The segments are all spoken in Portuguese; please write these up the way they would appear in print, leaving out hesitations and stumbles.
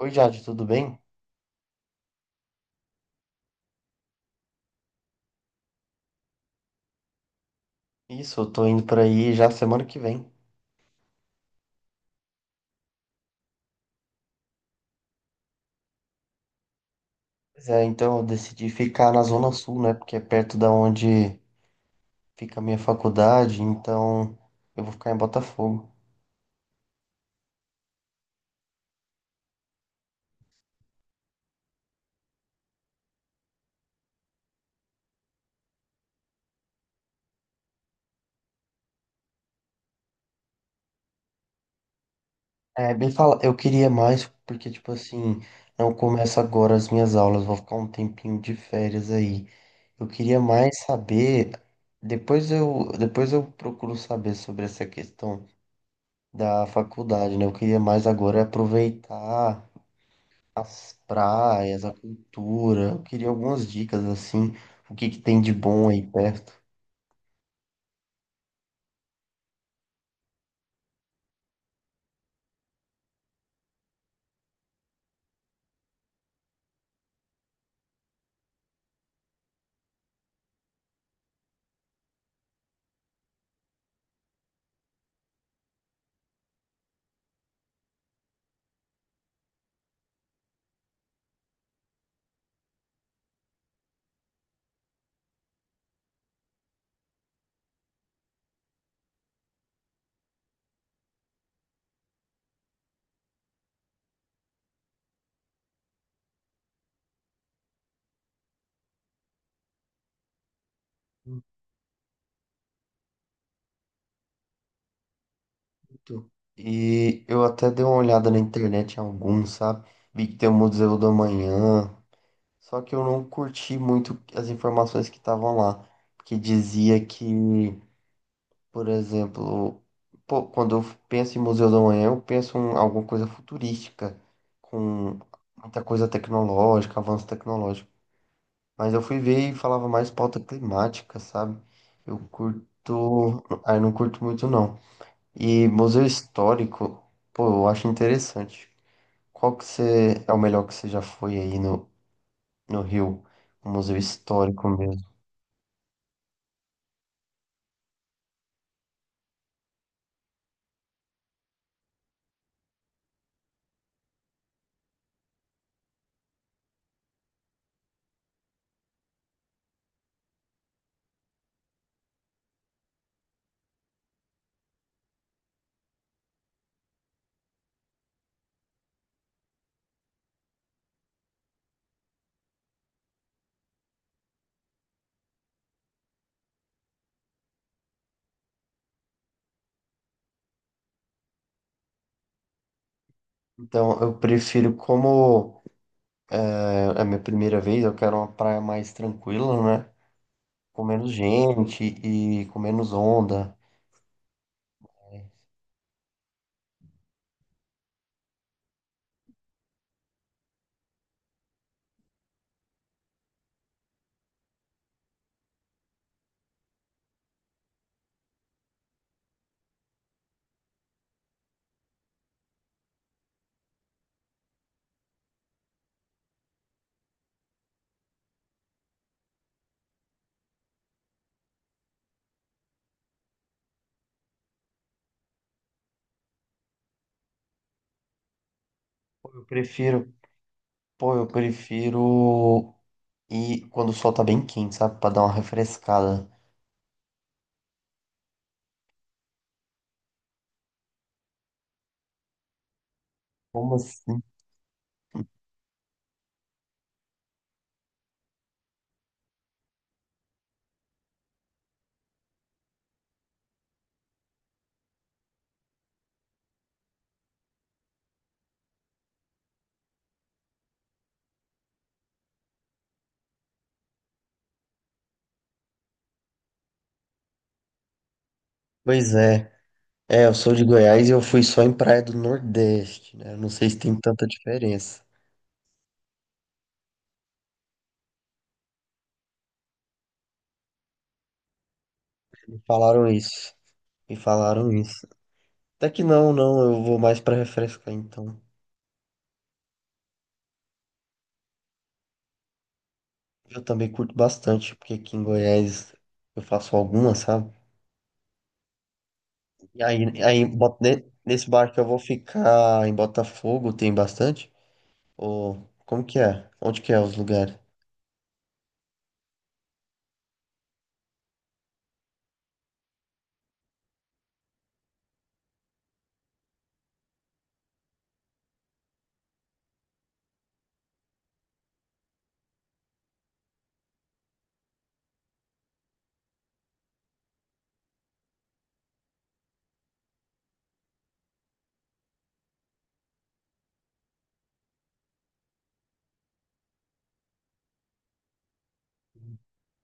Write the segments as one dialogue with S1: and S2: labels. S1: Oi, Jade, tudo bem? Isso, eu tô indo pra aí já semana que vem. Pois é, então eu decidi ficar na Zona Sul, né? Porque é perto da onde fica a minha faculdade, então eu vou ficar em Botafogo. É, bem fala, eu queria mais, porque, tipo assim, não começo agora as minhas aulas, vou ficar um tempinho de férias aí. Eu queria mais saber, depois eu procuro saber sobre essa questão da faculdade, né? Eu queria mais agora aproveitar as praias, a cultura. Eu queria algumas dicas assim, o que que tem de bom aí perto. Muito. E eu até dei uma olhada na internet em alguns, sabe? Vi que tem o Museu do Amanhã. Só que eu não curti muito as informações que estavam lá, porque dizia que, por exemplo, pô, quando eu penso em Museu do Amanhã, eu penso em alguma coisa futurística, com muita coisa tecnológica, avanço tecnológico. Mas eu fui ver e falava mais pauta climática, sabe? Eu curto. Ah, eu não curto muito, não. E museu histórico, pô, eu acho interessante. Qual que você é o melhor que você já foi aí no Rio? Um museu histórico mesmo. Então, eu prefiro, como é, é a minha primeira vez, eu quero uma praia mais tranquila, né? Com menos gente e com menos onda. Pô, eu prefiro. Pô, eu prefiro. E quando o sol tá bem quente, sabe? Pra dar uma refrescada. Como assim? Pois é. É, eu sou de Goiás e eu fui só em praia do Nordeste, né? Eu não sei se tem tanta diferença. Me falaram isso. Me falaram isso. Até que não, não. Eu vou mais pra refrescar, então. Eu também curto bastante, porque aqui em Goiás eu faço algumas, sabe? E aí, nesse bar que eu vou ficar em Botafogo, tem bastante? Ou como que é? Onde que é os lugares?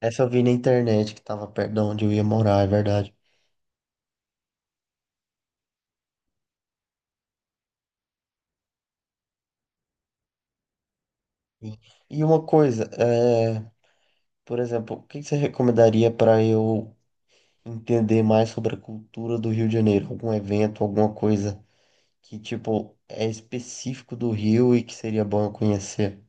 S1: Essa eu vi na internet que tava perto de onde eu ia morar, é verdade. Sim. E uma coisa, é, por exemplo, o que que você recomendaria para eu entender mais sobre a cultura do Rio de Janeiro? Algum evento, alguma coisa que, tipo, é específico do Rio e que seria bom eu conhecer?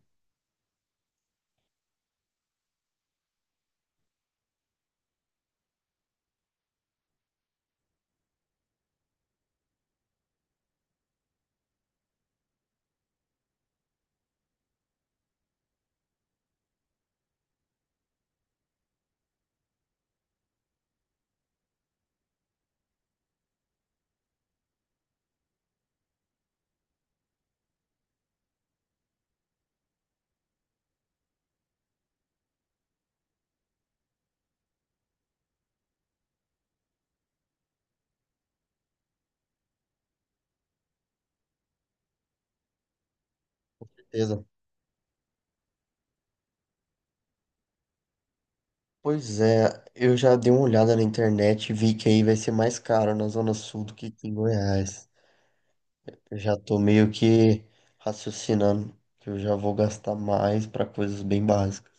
S1: Beleza. Pois é, eu já dei uma olhada na internet e vi que aí vai ser mais caro na Zona Sul do que aqui em Goiás. Eu já tô meio que raciocinando que eu já vou gastar mais para coisas bem básicas.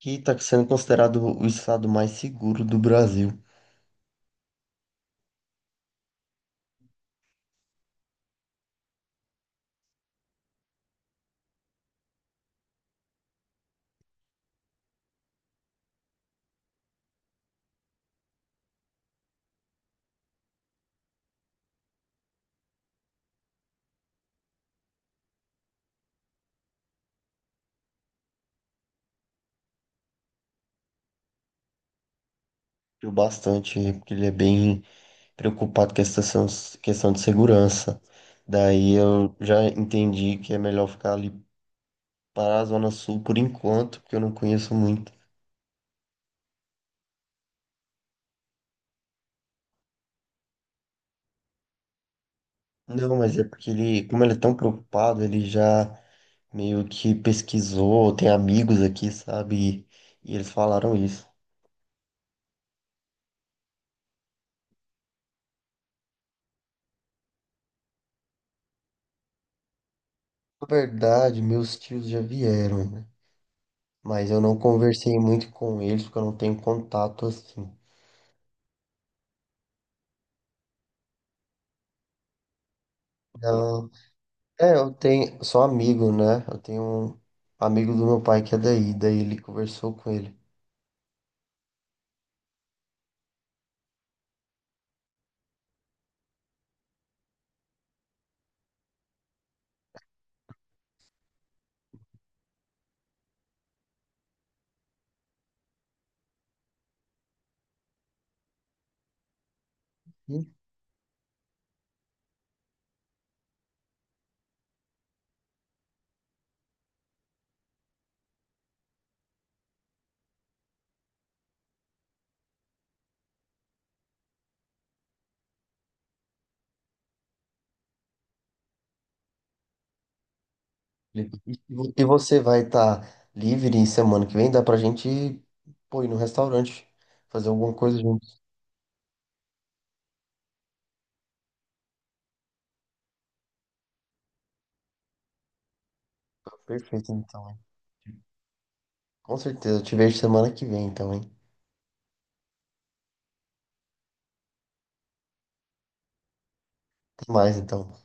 S1: Que está sendo considerado o estado mais seguro do Brasil. Eu bastante, porque ele é bem preocupado com essa questão de segurança. Daí eu já entendi que é melhor ficar ali para a Zona Sul por enquanto, porque eu não conheço muito. Não, mas é porque ele, como ele é tão preocupado, ele já meio que pesquisou, tem amigos aqui, sabe? E eles falaram isso. Na verdade, meus tios já vieram, né? Mas eu não conversei muito com eles, porque eu não tenho contato assim. Não. É, eu tenho. Sou amigo, né? Eu tenho um amigo do meu pai que é daí, daí ele conversou com ele. Hum. E você vai estar livre semana que vem? Dá pra gente, pô, ir no restaurante, fazer alguma coisa juntos. Perfeito, então, hein? Com certeza. Eu te vejo semana que vem, então, hein? Até mais, então.